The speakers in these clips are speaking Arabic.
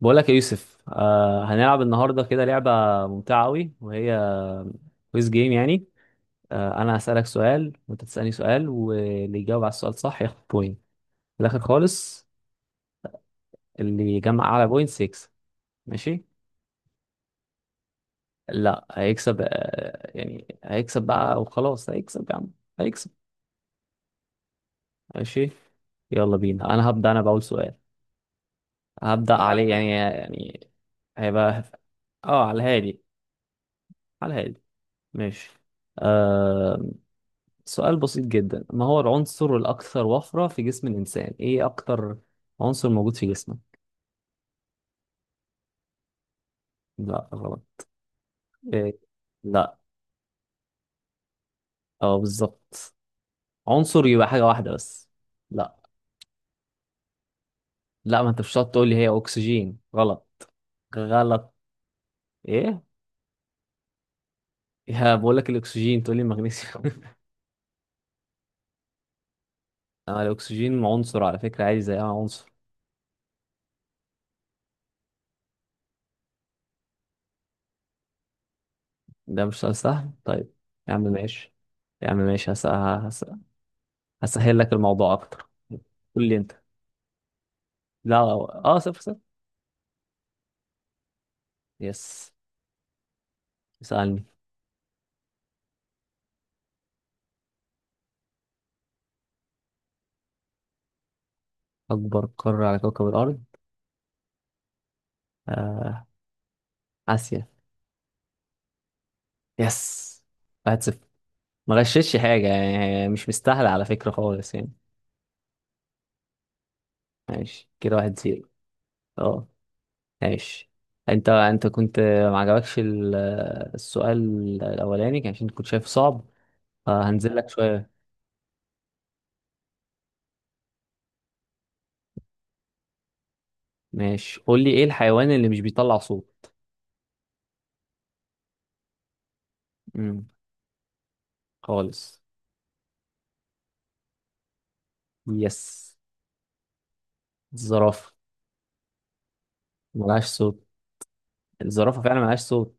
بقولك يا يوسف، هنلعب النهارده كده لعبة ممتعة أوي. وهي كويز جيم يعني. أنا هسألك سؤال وأنت تسألني سؤال، واللي يجاوب على السؤال صح ياخد بوينت في الآخر خالص. اللي يجمع أعلى بوينت يكسب. ماشي؟ لا هيكسب، يعني هيكسب بقى، وخلاص هيكسب يا عم، هيكسب. ماشي، يلا بينا، أنا هبدأ، أنا بأول سؤال. هبدأ عليه يعني يعني هيبقى. اه، على الهادي على الهادي. ماشي. آه، سؤال بسيط جدا. ما هو العنصر الأكثر وفرة في جسم الإنسان؟ إيه أكتر عنصر موجود في جسمه؟ لا، غلط. إيه؟ لا، بالظبط. عنصر يبقى حاجة واحدة بس. لا. لا، ما أنت مش هتقعد تقول لي، هي أكسجين. غلط. غلط. إيه؟ يا بقول لك الأكسجين، تقول لي المغنيسيوم. الأكسجين عنصر على فكرة، عادي زي أي عنصر. ده مش سؤال سهل، طيب. يا عم ماشي. يا عم ماشي. هسهل لك الموضوع أكتر. قول لي أنت. لا، أه آه، صفر صفر. يس. اسألني. أكبر قارة على كوكب الأرض؟ آه. آسيا. يس. واحد صفر. ما غششش حاجة يعني، مش مستاهلة على فكرة خالص يعني. ماشي كده، واحد زيرو. اه. ماشي. انت كنت ما عجبكش السؤال الأولاني، كان عشان كنت شايف صعب، فهنزل لك شوية. ماشي، قول لي، ايه الحيوان اللي مش بيطلع صوت؟ امم. خالص. يس. الزرافة. ملهاش صوت. الزرافة فعلا ملهاش صوت.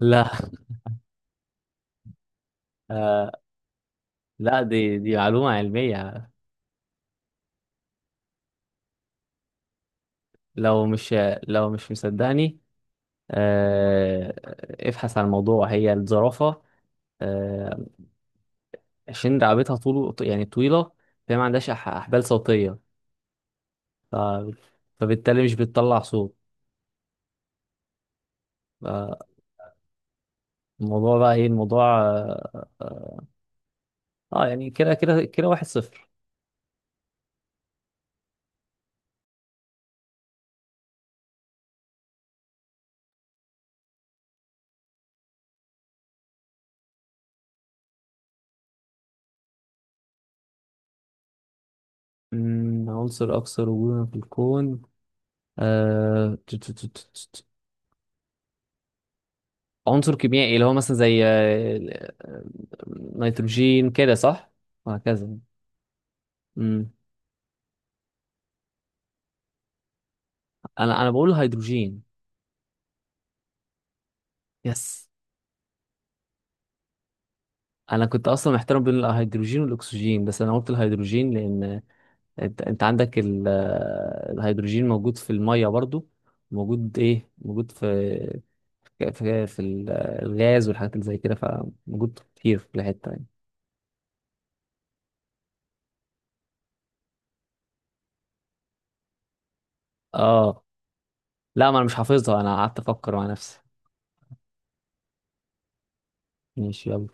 لا. آه. لا، دي معلومة علمية. لو مش لو مش مصدقني، آه، ابحث عن الموضوع. هي الزرافة، آه، عشان رقبتها طول، يعني طويلة، فهي ما عندهاش أحبال صوتية. ف- فبالتالي مش بتطلع صوت. آه، الموضوع بقى ايه الموضوع. يعني كده كده كده، واحد صفر. عنصر أكثر وجودا في الكون. آه، ت- ت- ت- ت- ت- عنصر كيميائي، اللي هو مثلا زي آه، نيتروجين كده، صح؟ وهكذا. انا بقول الهيدروجين. يس. انا كنت اصلا محتار بين الهيدروجين والاكسجين، بس انا قلت الهيدروجين لان انت عندك الهيدروجين موجود في الميه برضو، موجود ايه، موجود في الغاز والحاجات اللي زي كده، فموجود كتير في كل حته يعني. اه، لا، ما انا مش حافظها، انا قعدت افكر مع نفسي. ماشي يلا.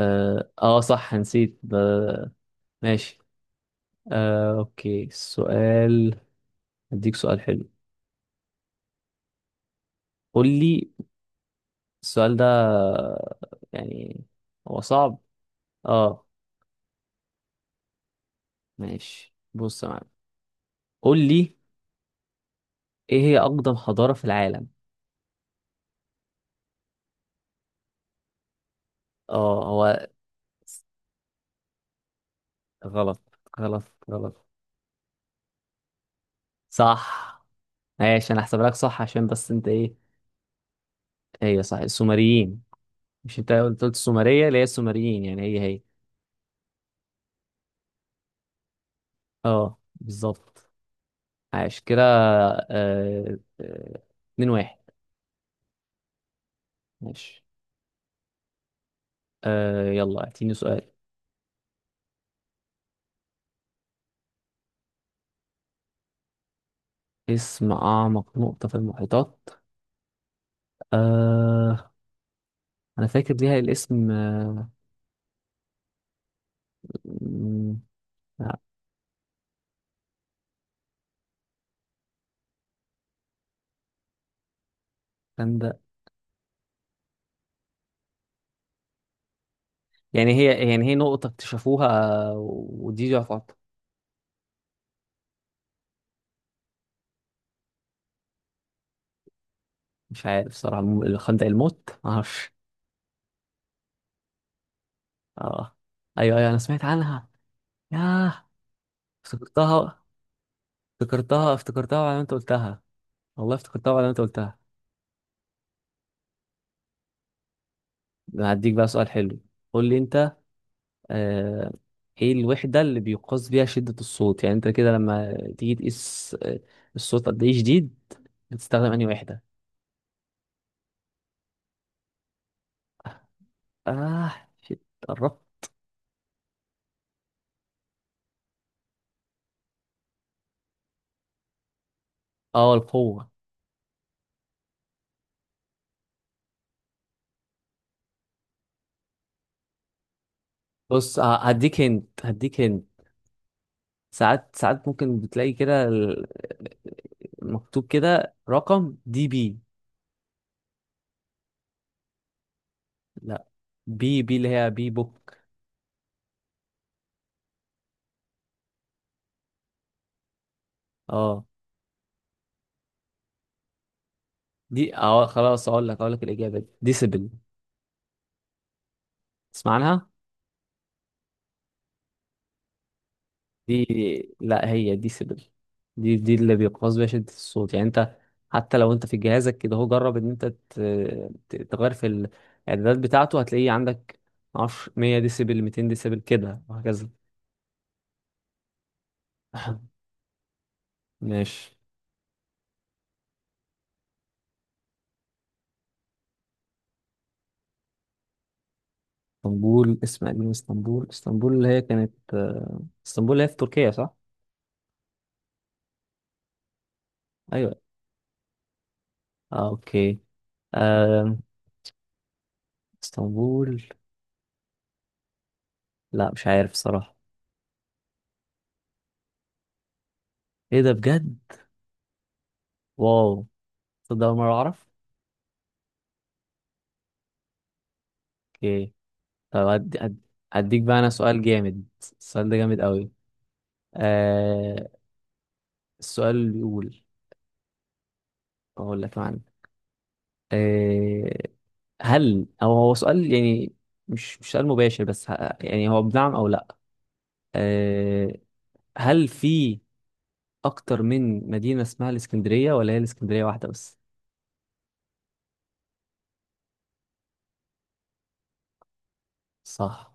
صح، نسيت ماشي. اوكي، السؤال. اديك سؤال حلو. قول لي. السؤال ده يعني، هو صعب. اه ماشي، بص يا معلم. قول لي ايه هي اقدم حضارة في العالم. اه هو غلط. غلط. غلط. صح. ماشي، انا هحسب لك صح، عشان بس انت ايه، هي صح السومريين. مش انت قلت السومرية اللي هي السومريين، يعني هي هي. اه بالظبط. عاش كده. آه، آه، اتنين واحد. ماشي. يلا اعطيني سؤال. اسم اعمق نقطة في المحيطات. آه، انا فاكر ليها الاسم. م- آه، كان ده، يعني هي نقطة اكتشفوها، آه، ودي جعفر. مش عارف صراحة، خندق الموت، معرفش. اه ايوه، ايوه، انا سمعت عنها. ياه، افتكرتها، افتكرتها افتكرتها، وعلى ما انت قلتها. والله افتكرتها وعلى ما انت قلتها. أنا هديك بقى سؤال حلو، قول لي انت. آه، ايه الوحدة اللي بيقاس بيها شدة الصوت؟ يعني انت كده لما تيجي تقيس الصوت قد ايه شديد، بتستخدم انهي وحدة؟ اه شيت، قربت. اه، القوة. بص هديك هنت، هديك هنت. ساعات ساعات ممكن بتلاقي كده مكتوب كده، رقم دي بي. لا، بي بي، اللي هي بي بوك. اه دي. اه خلاص، اقول لك، الإجابة دي ديسبل، تسمع عنها؟ دي، لا، هي ديسبل. دي اللي بيقاس بيها شدة الصوت، يعني انت حتى لو انت في جهازك كده، هو جرب ان انت تغير في الاعدادات بتاعته، هتلاقيه عندك، معرفش، 100 ديسبل، 200 ديسبل، كده وهكذا. ماشي. اسطنبول اسم قديم. اسطنبول. اللي هي كانت آه، اسطنبول اللي هي في تركيا صح؟ ايوه. اوكي. آه. اسطنبول. لا، مش عارف صراحة. ايه ده بجد؟ واو. تصدق أول مرة أعرف؟ اوكي. طب أدي، أدي، أديك بقى أنا سؤال جامد. السؤال ده جامد قوي. آه. السؤال بيقول، أقول لك معنى. آه. هل أو هو سؤال يعني، مش سؤال مباشر، بس يعني هو بنعم أو لأ. آه. هل في اكتر من مدينة اسمها الاسكندرية، ولا هي الاسكندرية واحدة بس؟ صح،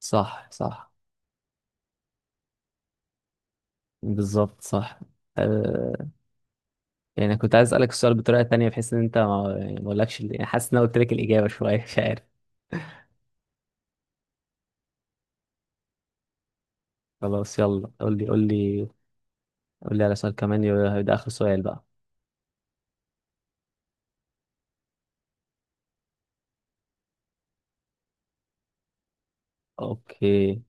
صح، صح. بالظبط صح. أه، يعني أنا كنت عايز اسألك السؤال بطريقة تانية، بحيث ان انت ما يعني، ما اقولكش يعني حاسس ان انا قلت لك الإجابة شوية. مش عارف. خلاص يلا، قول لي، قول لي، قول لي على سؤال كمان. ده آخر سؤال بقى. اوكي.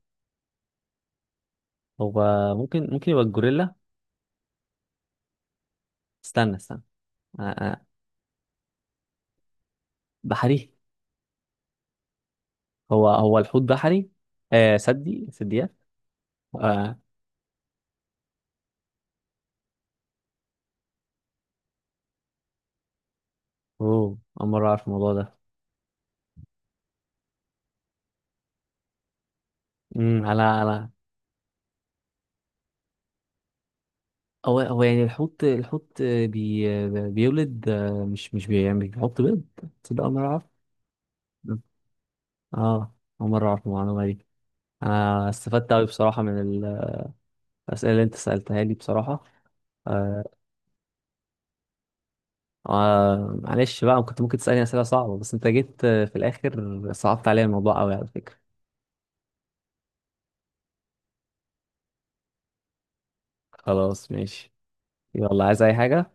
هو، ممكن، ممكن يبقى الجوريلا. استنى استنى. أه. أه. بحري. هو هو الحوت بحري. سدي، سديات. آه. اوه، اول مرة اعرف الموضوع ده. امم، على هو، هو يعني الحوت، بيولد، مش بيعمل، بيحط بيض. تصدق أول مرة أعرف. اه، أول مرة أعرف المعلومة دي. أنا استفدت أوي بصراحة من الأسئلة اللي أنت سألتها لي بصراحة. آه. معلش بقى، كنت ممكن تسألني أسئلة صعبة، بس أنت جيت في الآخر صعبت عليا الموضوع أوي على فكرة. خلاص ماشي. يلا عايز أي حاجة؟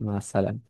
مع السلامة.